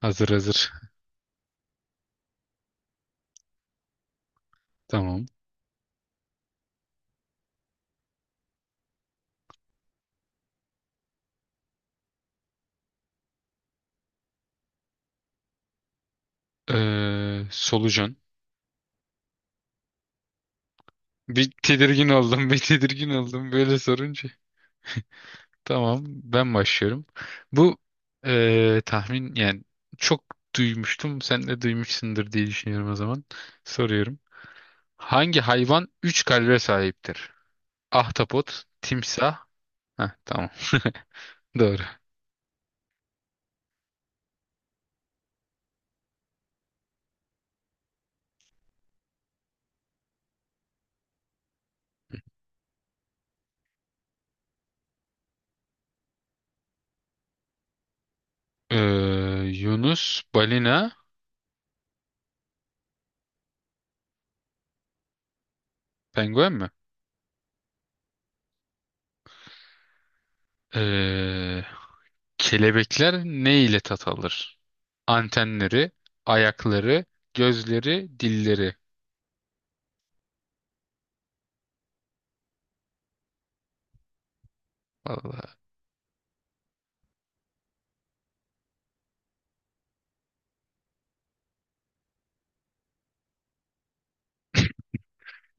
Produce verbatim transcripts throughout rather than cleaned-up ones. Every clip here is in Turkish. Hazır hazır. Tamam. Ee, solucan. Bir tedirgin oldum, bir tedirgin oldum böyle sorunca. Tamam, ben başlıyorum. Bu ee, tahmin yani çok duymuştum. Sen de duymuşsundur diye düşünüyorum o zaman. Soruyorum. Hangi hayvan üç kalbe sahiptir? Ahtapot, timsah. Heh, tamam. Doğru. Ee, Yunus, balina, penguen mi? Ee, kelebekler ne ile tat alır? Antenleri, ayakları, gözleri, dilleri. Vallahi.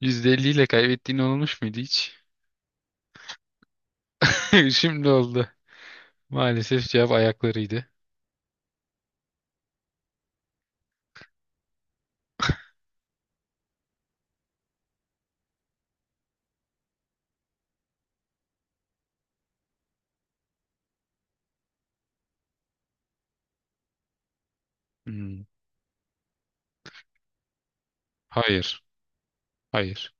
Yüzde elli ile kaybettiğin olmuş muydu hiç? Şimdi oldu. Maalesef cevap ayaklarıydı. Hmm. Hayır. Hayır.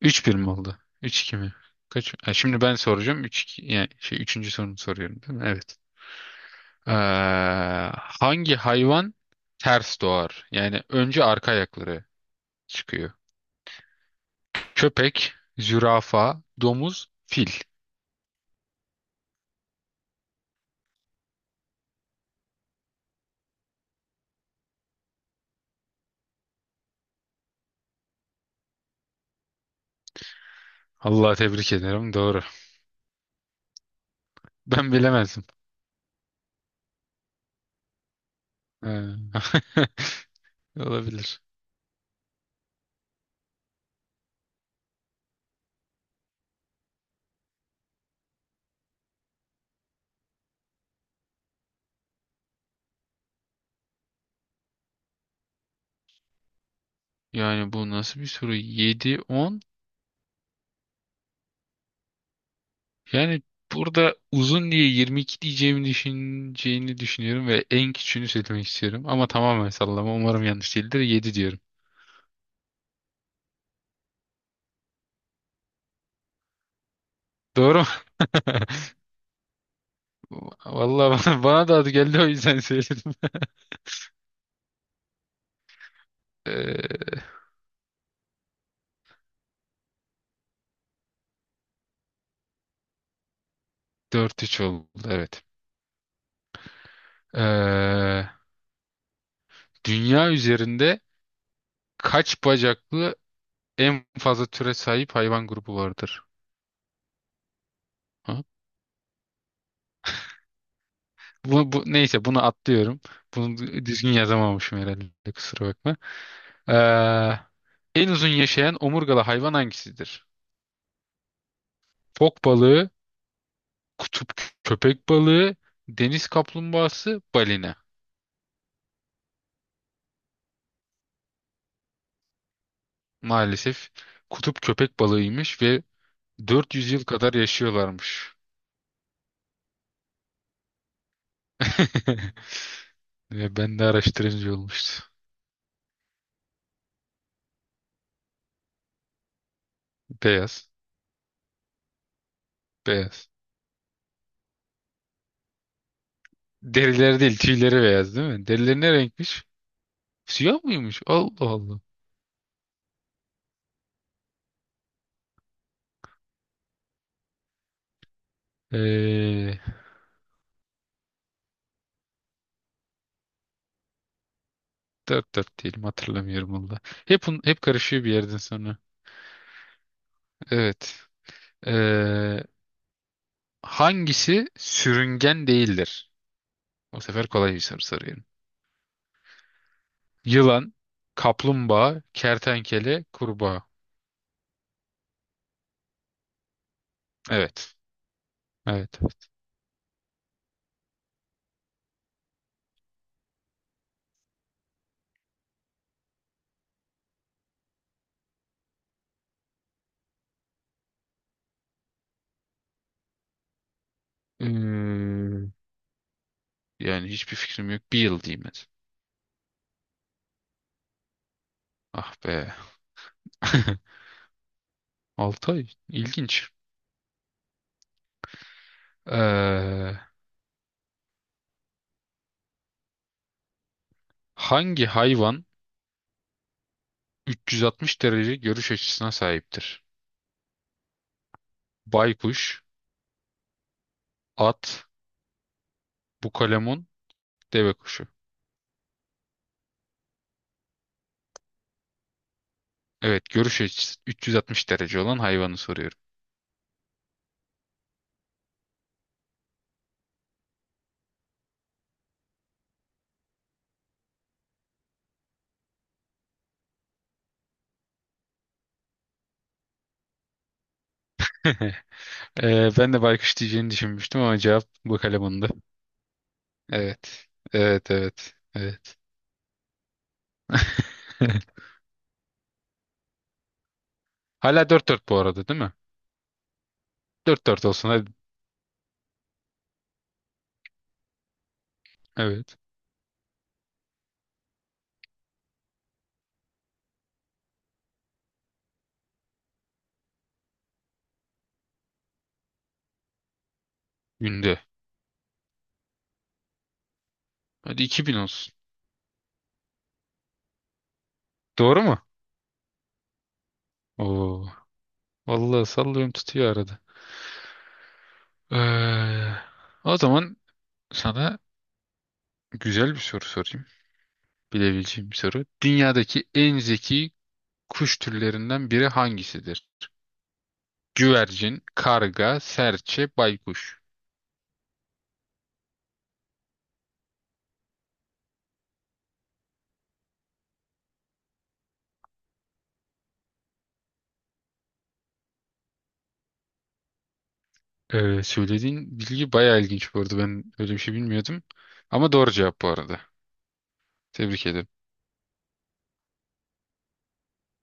Üç bir mi oldu? üç iki mi? Kaç? Ha, şimdi ben soracağım. Üç. iki yani şey üçüncü sorunu soruyorum değil mi? Evet. Ee, hangi hayvan ters doğar? Yani önce arka ayakları çıkıyor. Köpek, zürafa, domuz, fil. Allah tebrik ederim. Doğru. Ben bilemezdim. Ee, Olabilir. Yani bu nasıl bir soru? Yedi on. Yani burada uzun diye yirmi iki diyeceğimi düşüneceğini düşünüyorum ve en küçüğünü söylemek istiyorum. Ama tamamen sallama. Umarım yanlış değildir. Yedi diyorum. Doğru mu? Vallahi bana, bana da adı geldi o yüzden söyledim. Ee, dört üç oldu. Evet. Ee, dünya üzerinde kaç bacaklı en fazla türe sahip hayvan grubu vardır? Bu, bu, neyse bunu atlıyorum. Bunu düzgün yazamamışım herhalde, kusura bakma. Ee, en uzun yaşayan omurgalı hayvan hangisidir? Fok balığı, kutup köpek balığı, deniz kaplumbağası, balina. Maalesef kutup köpek balığıymış ve dört yüz yıl kadar yaşıyorlarmış. Ve ben de araştırınca olmuştu. Beyaz, beyaz. Derileri değil, tüyleri beyaz değil mi? Derileri ne renkmiş? Siyah mıymış? Allah Allah. Ee, Dört dört değilim, hatırlamıyorum valla. Hep, un- hep karışıyor bir yerden sonra. Evet. Ee, hangisi sürüngen değildir? Bu sefer kolay bir soru soruyorum. Yılan, kaplumbağa, kertenkele, kurbağa. Evet. Evet. Evet. Ee, yani hiçbir fikrim yok. Bir yıl diyeyim hadi. Ah be. Altı ay. İlginç. Ee, hangi hayvan üç yüz altmış derece görüş açısına sahiptir? Baykuş, at, bukalemun, deve kuşu. Evet, görüş açısı üç yüz altmış derece olan hayvanı soruyorum. Ee, ben de baykuş diyeceğini düşünmüştüm ama cevap bıkalemundu. Evet. Evet, evet. Evet. Hala dört dört bu arada değil mi? dört dört olsun hadi. Evet. Günde. Hadi iki bin olsun. Doğru mu? Oo. Vallahi sallıyorum, tutuyor arada. Ee, o zaman sana güzel bir soru sorayım. Bilebileceğim bir soru. Dünyadaki en zeki kuş türlerinden biri hangisidir? Güvercin, karga, serçe, baykuş. Ee, söylediğin bilgi bayağı ilginç bu arada. Ben öyle bir şey bilmiyordum. Ama doğru cevap bu arada. Tebrik ederim.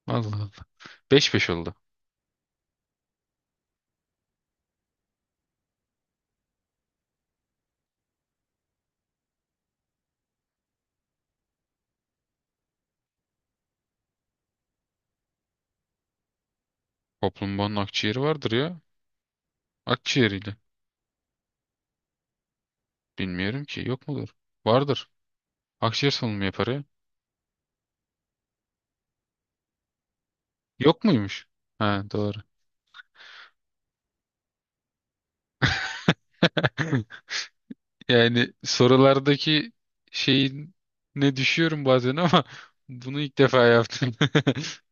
Allah Allah. Beş beş oldu. Kaplumbağanın akciğeri vardır ya. Akciğeriyle. Bilmiyorum ki. Yok mudur? Vardır. Akciğer solunumu yapar ya. Yok muymuş? Ha doğru. Yani sorulardaki şeyin ne düşüyorum bazen ama bunu ilk defa yaptım.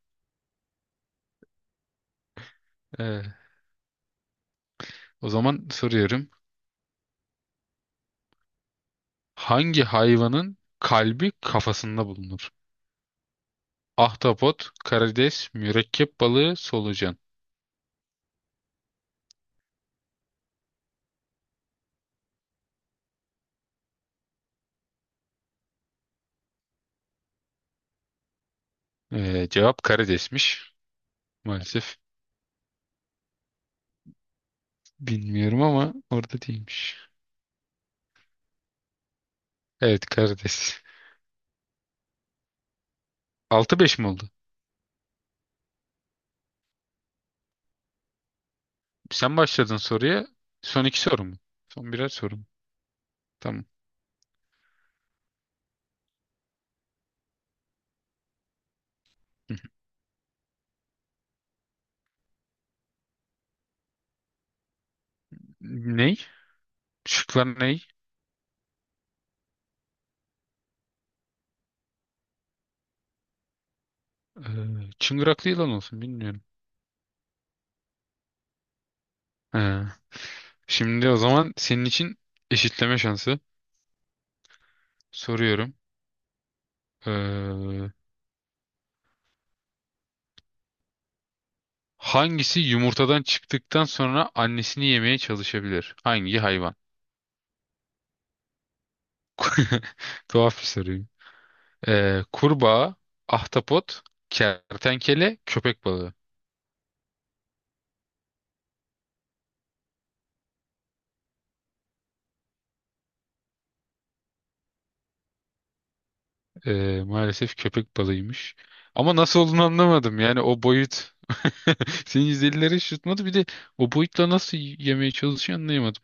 Ee, o zaman soruyorum. Hangi hayvanın kalbi kafasında bulunur? Ahtapot, karides, mürekkep balığı, solucan. Ee, cevap karidesmiş. Maalesef bilmiyorum ama orada değilmiş. Evet, karides. Altı beş mi oldu? Sen başladın soruya. Son iki soru mu? Son birer soru mu? Tamam. Hı hı. Ney? Şıklar ney? Ee, çıngıraklı yılan olsun bilmiyorum. Ee, şimdi o zaman senin için eşitleme şansı soruyorum. Ee, Hangisi yumurtadan çıktıktan sonra annesini yemeye çalışabilir? Hangi hayvan? Tuhaf bir soru. Ee, kurbağa, ahtapot, kertenkele, köpek balığı. Ee, maalesef köpek balığıymış. Ama nasıl olduğunu anlamadım. Yani o boyut. Senin yüz ellilere şutmadı. Bir de o boyutla nasıl yemeye çalışıyor